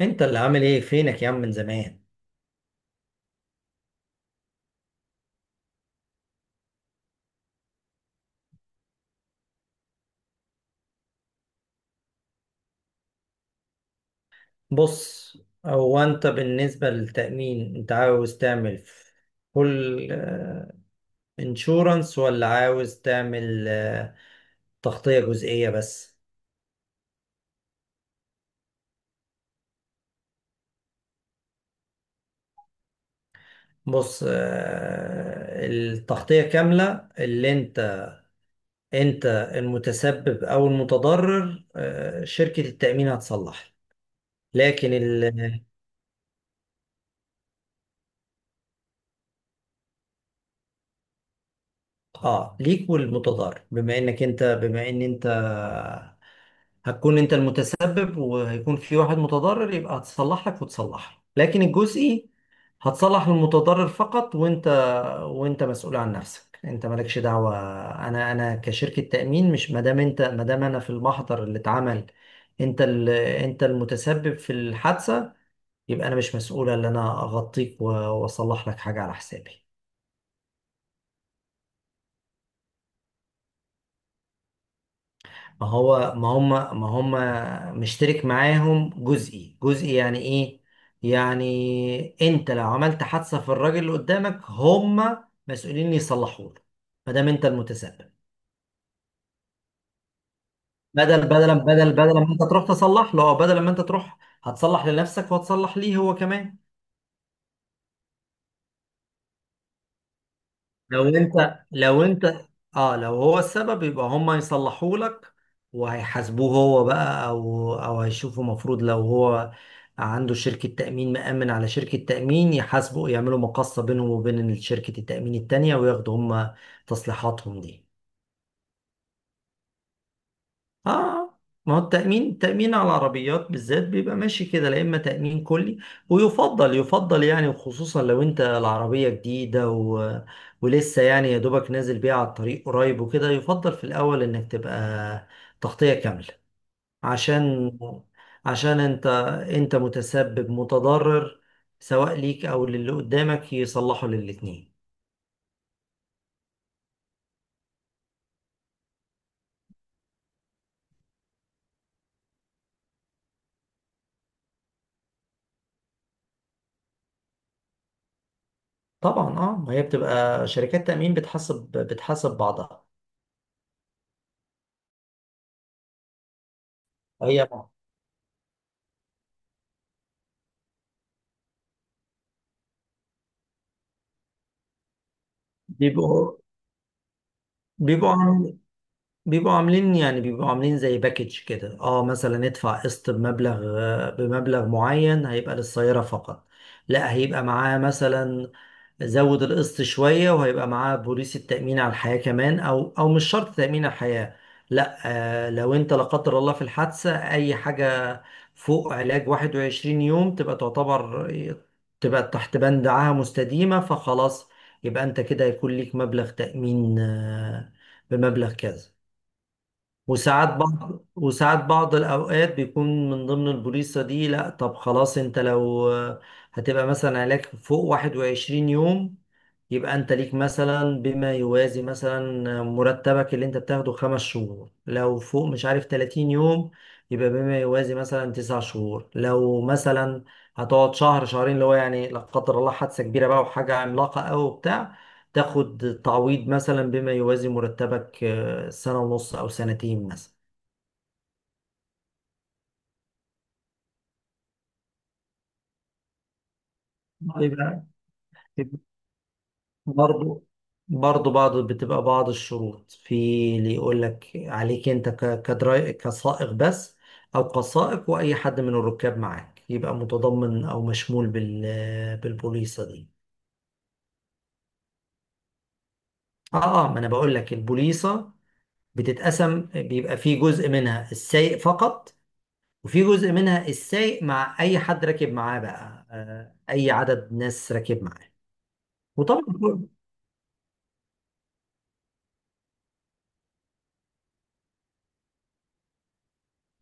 انت اللي عامل ايه فينك يا عم من زمان؟ بص. هو انت بالنسبة للتأمين انت عاوز تعمل فول انشورنس ولا عاوز تعمل تغطية جزئية بس؟ بص، التغطية كاملة، اللي انت المتسبب او المتضرر، شركة التأمين هتصلح، لكن ال- اه ليك والمتضرر، بما انك انت بما ان انت هتكون انت المتسبب وهيكون في واحد متضرر، يبقى هتصلح لك وتصلح لك. لكن الجزئي هتصلح المتضرر فقط، وانت مسؤول عن نفسك، انت مالكش دعوة. انا كشركة تأمين، مش ما دام انا في المحضر اللي اتعمل انت المتسبب في الحادثة، يبقى انا مش مسؤول ان انا اغطيك واصلح لك حاجة على حسابي. ما هو ما هم ما هم مشترك معاهم جزئي. جزئي يعني ايه؟ يعني انت لو عملت حادثة في الراجل اللي قدامك، هم مسؤولين يصلحوا له، ما دام انت المتسبب. بدل ما انت تروح تصلح له، او بدل ما انت تروح هتصلح لنفسك، وهتصلح ليه هو كمان. لو انت، اه لو هو السبب، يبقى هم هيصلحوا لك، وهيحاسبوه هو بقى، او هيشوفوا مفروض لو هو عنده شركة تأمين، مأمن على شركة تأمين، يحاسبوا، يعملوا مقاصة بينهم وبين شركة التأمين التانية، وياخدوا هم تصليحاتهم دي. اه ما هو التأمين على العربيات بالذات بيبقى ماشي كده. لا، إما تأمين كلي، ويفضل يعني، وخصوصا لو أنت العربية جديدة ولسه يعني يا دوبك نازل بيها على الطريق قريب وكده، يفضل في الأول إنك تبقى تغطية كاملة، عشان عشان أنت متسبب متضرر، سواء ليك أو للي قدامك، يصلحوا للاتنين. طبعا، ما هي بتبقى شركات تأمين، بتحسب بعضها. هي بيبقوا بيبقوا بيبقوا عاملين يعني، بيبقوا عاملين زي باكج كده. اه مثلا، ادفع قسط بمبلغ، بمبلغ معين، هيبقى للسيارة فقط. لا، هيبقى معاه مثلا، زود القسط شوية وهيبقى معاه بوليصة تأمين على الحياة كمان، او مش شرط تأمين على الحياة. لا، لو انت لا قدر الله في الحادثة اي حاجة فوق علاج 21 يوم، تبقى تبقى تحت بند عاهة مستديمة، فخلاص، يبقى انت كده هيكون ليك مبلغ تأمين، بمبلغ كذا. وساعات بعض الأوقات بيكون من ضمن البوليصة دي. لأ، طب خلاص، أنت لو هتبقى مثلا علاج فوق 21 يوم، يبقى أنت ليك مثلا بما يوازي مثلا مرتبك اللي أنت بتاخده 5 شهور. لو فوق مش عارف 30 يوم، يبقى بما يوازي مثلا 9 شهور. لو مثلا هتقعد شهر شهرين، اللي هو يعني لا قدر الله حادثة كبيرة بقى وحاجة عملاقة أوي وبتاع، تاخد تعويض مثلا بما يوازي مرتبك، سنة ونص أو سنتين مثلا. بيبقى بيبقى برضه برضه بتبقى بعض الشروط في اللي يقول لك عليك أنت ك- كدراي كسائق بس، أو كسائق وأي حد من الركاب معاك، يبقى متضمن أو مشمول بالبوليصة دي. ما أنا بقول لك، البوليصة بتتقسم، بيبقى في جزء منها السايق فقط، وفي جزء منها السايق مع اي حد راكب معاه بقى، اي عدد ناس راكب معاه. وطبعا،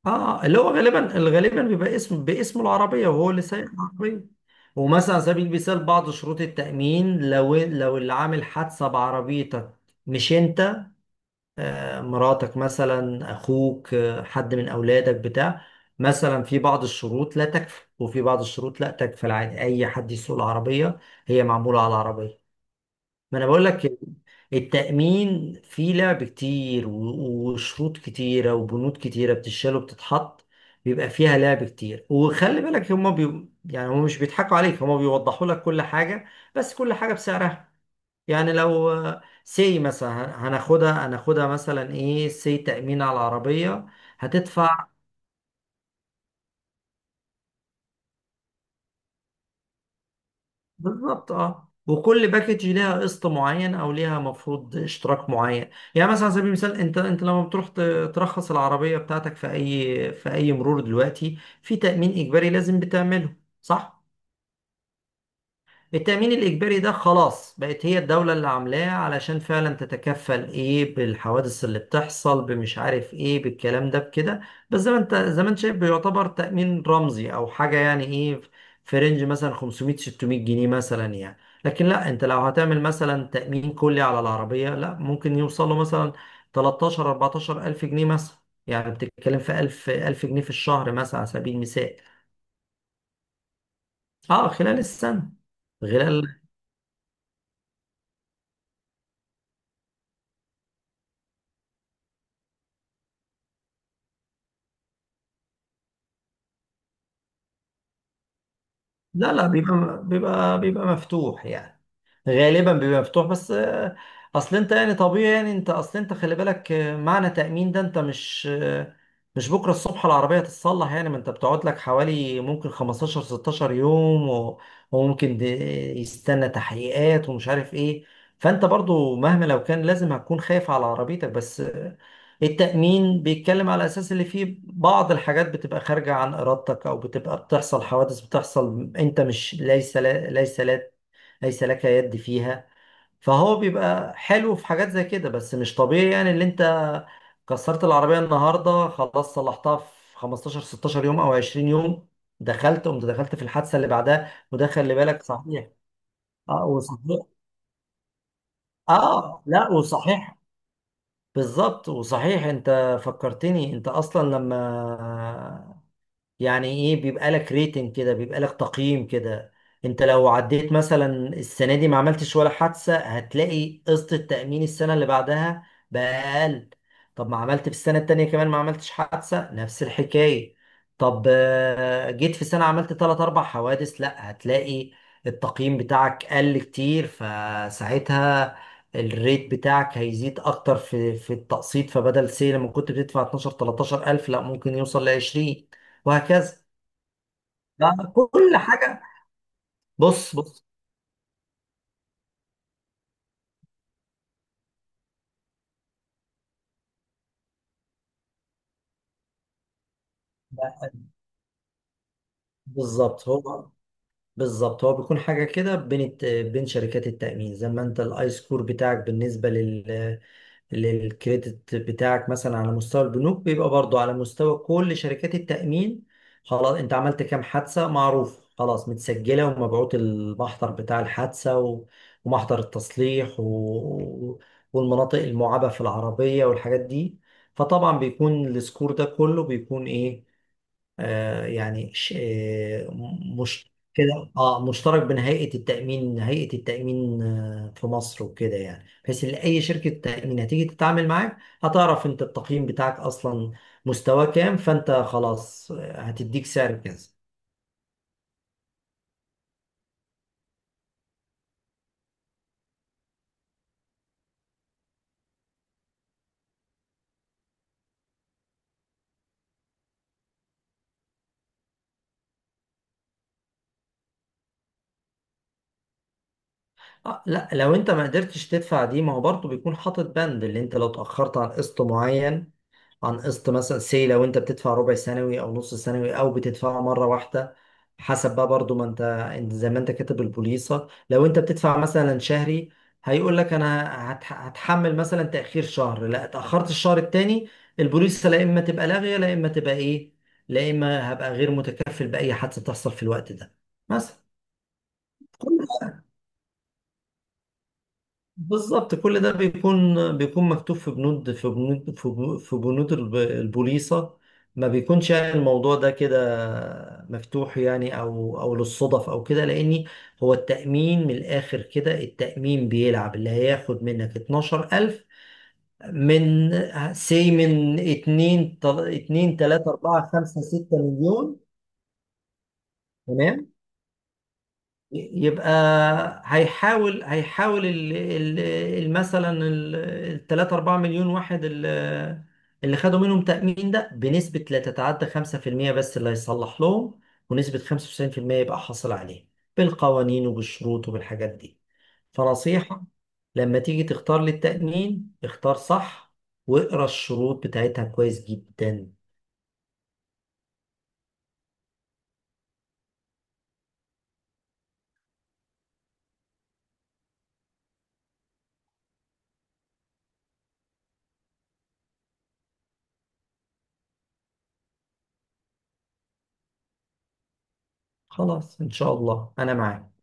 اه اللي هو غالبا بيبقى اسم باسم العربيه وهو اللي سايق العربيه. ومثلا على سبيل المثال، بعض شروط التامين، لو اللي عامل حادثه بعربيتك مش انت، مراتك مثلا، اخوك، حد من اولادك بتاع، مثلا في بعض الشروط لا تكفي، وفي بعض الشروط لا تكفي العادي، اي حد يسوق العربيه، هي معموله على العربيه. ما انا بقول لك، التأمين فيه لعب كتير، وشروط كتيرة وبنود كتيرة بتشال وبتتحط، بيبقى فيها لعب كتير. وخلي بالك، يعني هما مش بيضحكوا عليك، هما بيوضحوا لك كل حاجة، بس كل حاجة بسعرها. يعني لو سي مثلا، هناخدها مثلا ايه، سي تأمين على العربية، هتدفع. بالظبط، وكل باكج ليها قسط معين، او ليها مفروض اشتراك معين. يعني مثلا على سبيل المثال، انت لما بتروح ترخص العربيه بتاعتك في اي مرور دلوقتي، في تامين اجباري لازم بتعمله، صح؟ التأمين الإجباري ده خلاص بقت هي الدولة اللي عاملاه علشان فعلا تتكفل، إيه، بالحوادث اللي بتحصل بمش عارف إيه بالكلام ده بكده. بس زي ما أنت شايف، بيعتبر تأمين رمزي أو حاجة، يعني إيه، في رينج مثلا 500 600 جنيه مثلا يعني. لكن لا، أنت لو هتعمل مثلا تأمين كلي على العربية، لا ممكن يوصل له مثلا 13 14 ألف جنيه مثلا. يعني بتتكلم في 1000 1000 جنيه في الشهر مثلا على سبيل المثال. أه، خلال السنة. خلال لا لا، بيبقى مفتوح يعني. غالبا بيبقى مفتوح بس. اصل انت يعني طبيعي يعني انت اصل انت خلي بالك، معنى تأمين ده، انت مش بكره الصبح العربية تتصلح يعني. ما انت بتقعد لك حوالي ممكن 15 16 يوم، وممكن د- يستنى تحقيقات ومش عارف ايه. فانت برضو مهما لو كان لازم، هتكون خايف على عربيتك، بس التأمين بيتكلم على أساس اللي فيه بعض الحاجات بتبقى خارجة عن إرادتك، أو بتبقى بتحصل حوادث بتحصل أنت مش ليس لك يد فيها. فهو بيبقى حلو في حاجات زي كده. بس مش طبيعي يعني اللي أنت كسرت العربية النهاردة، خلاص صلحتها في 15 16 يوم أو 20 يوم، دخلت قمت دخلت في الحادثة اللي بعدها، وده خلي بالك. صحيح. اه وصحيح اه لا وصحيح، بالظبط. وصحيح، انت فكرتني، انت اصلا لما، يعني ايه، بيبقى لك ريتنج كده، بيبقى لك تقييم كده. انت لو عديت مثلا السنه دي ما عملتش ولا حادثه، هتلاقي قسط التامين السنه اللي بعدها بقى اقل. طب ما عملت في السنه التانيه كمان، ما عملتش حادثه، نفس الحكايه. طب جيت في سنه عملت تلات اربع حوادث، لا هتلاقي التقييم بتاعك قل كتير، فساعتها الريت بتاعك هيزيد اكتر في التقسيط. فبدل سي لما كنت بتدفع 12 13 الف، لا ممكن يوصل ل 20 وهكذا. ده كل حاجه. بص. ده- بالظبط. هو بيكون حاجه كده بين بين شركات التامين، زي ما انت الاي سكور بتاعك بالنسبه للكريدت بتاعك مثلا على مستوى البنوك، بيبقى برضو على مستوى كل شركات التأمين. خلاص، انت عملت كام حادثة معروف، خلاص، متسجلة، ومبعوت المحضر بتاع الحادثة، ومحضر التصليح والمناطق المعابة في العربية والحاجات دي. فطبعا بيكون السكور ده كله، بيكون ايه، مش كده، مشترك بين هيئة التأمين، في مصر وكده، يعني بحيث ان اي شركة تأمين هتيجي تتعامل معاك، هتعرف انت التقييم بتاعك اصلا مستواه كام. فانت خلاص، هتديك سعر كذا. لا، لو انت ما قدرتش تدفع دي، ما هو برضه بيكون حاطط بند، اللي انت لو اتأخرت عن قسط معين، عن قسط مثلا، سي لو انت بتدفع ربع سنوي او نص سنوي او بتدفعه مره واحده، حسب بقى برضو ما انت انت زي ما انت كاتب البوليصه. لو انت بتدفع مثلا شهري، هيقول لك انا هتحمل مثلا تاخير شهر، لا اتاخرت الشهر التاني، البوليصه لا اما تبقى لاغيه، لا اما هبقى غير متكفل باي حادثه تحصل في الوقت ده مثلا. بالظبط، كل ده بيكون، مكتوب في بنود، في بنود البوليصة. ما بيكونش يعني الموضوع ده كده مفتوح يعني، او للصدف او كده. لاني، هو التأمين من الاخر كده، التأمين بيلعب، اللي هياخد منك 12000، من سي، من 2 2 3 4 5 6 مليون، يبقى هيحاول مثلا الثلاثة أربعة مليون واحد، اللي خدوا منهم تأمين ده، بنسبة لا تتعدى 5% بس اللي هيصلح لهم، ونسبة 95% يبقى حاصل عليه بالقوانين وبالشروط وبالحاجات دي. فنصيحة، لما تيجي تختار للتأمين، اختار صح، واقرا الشروط بتاعتها كويس جدا. خلاص، إن شاء الله أنا معاك.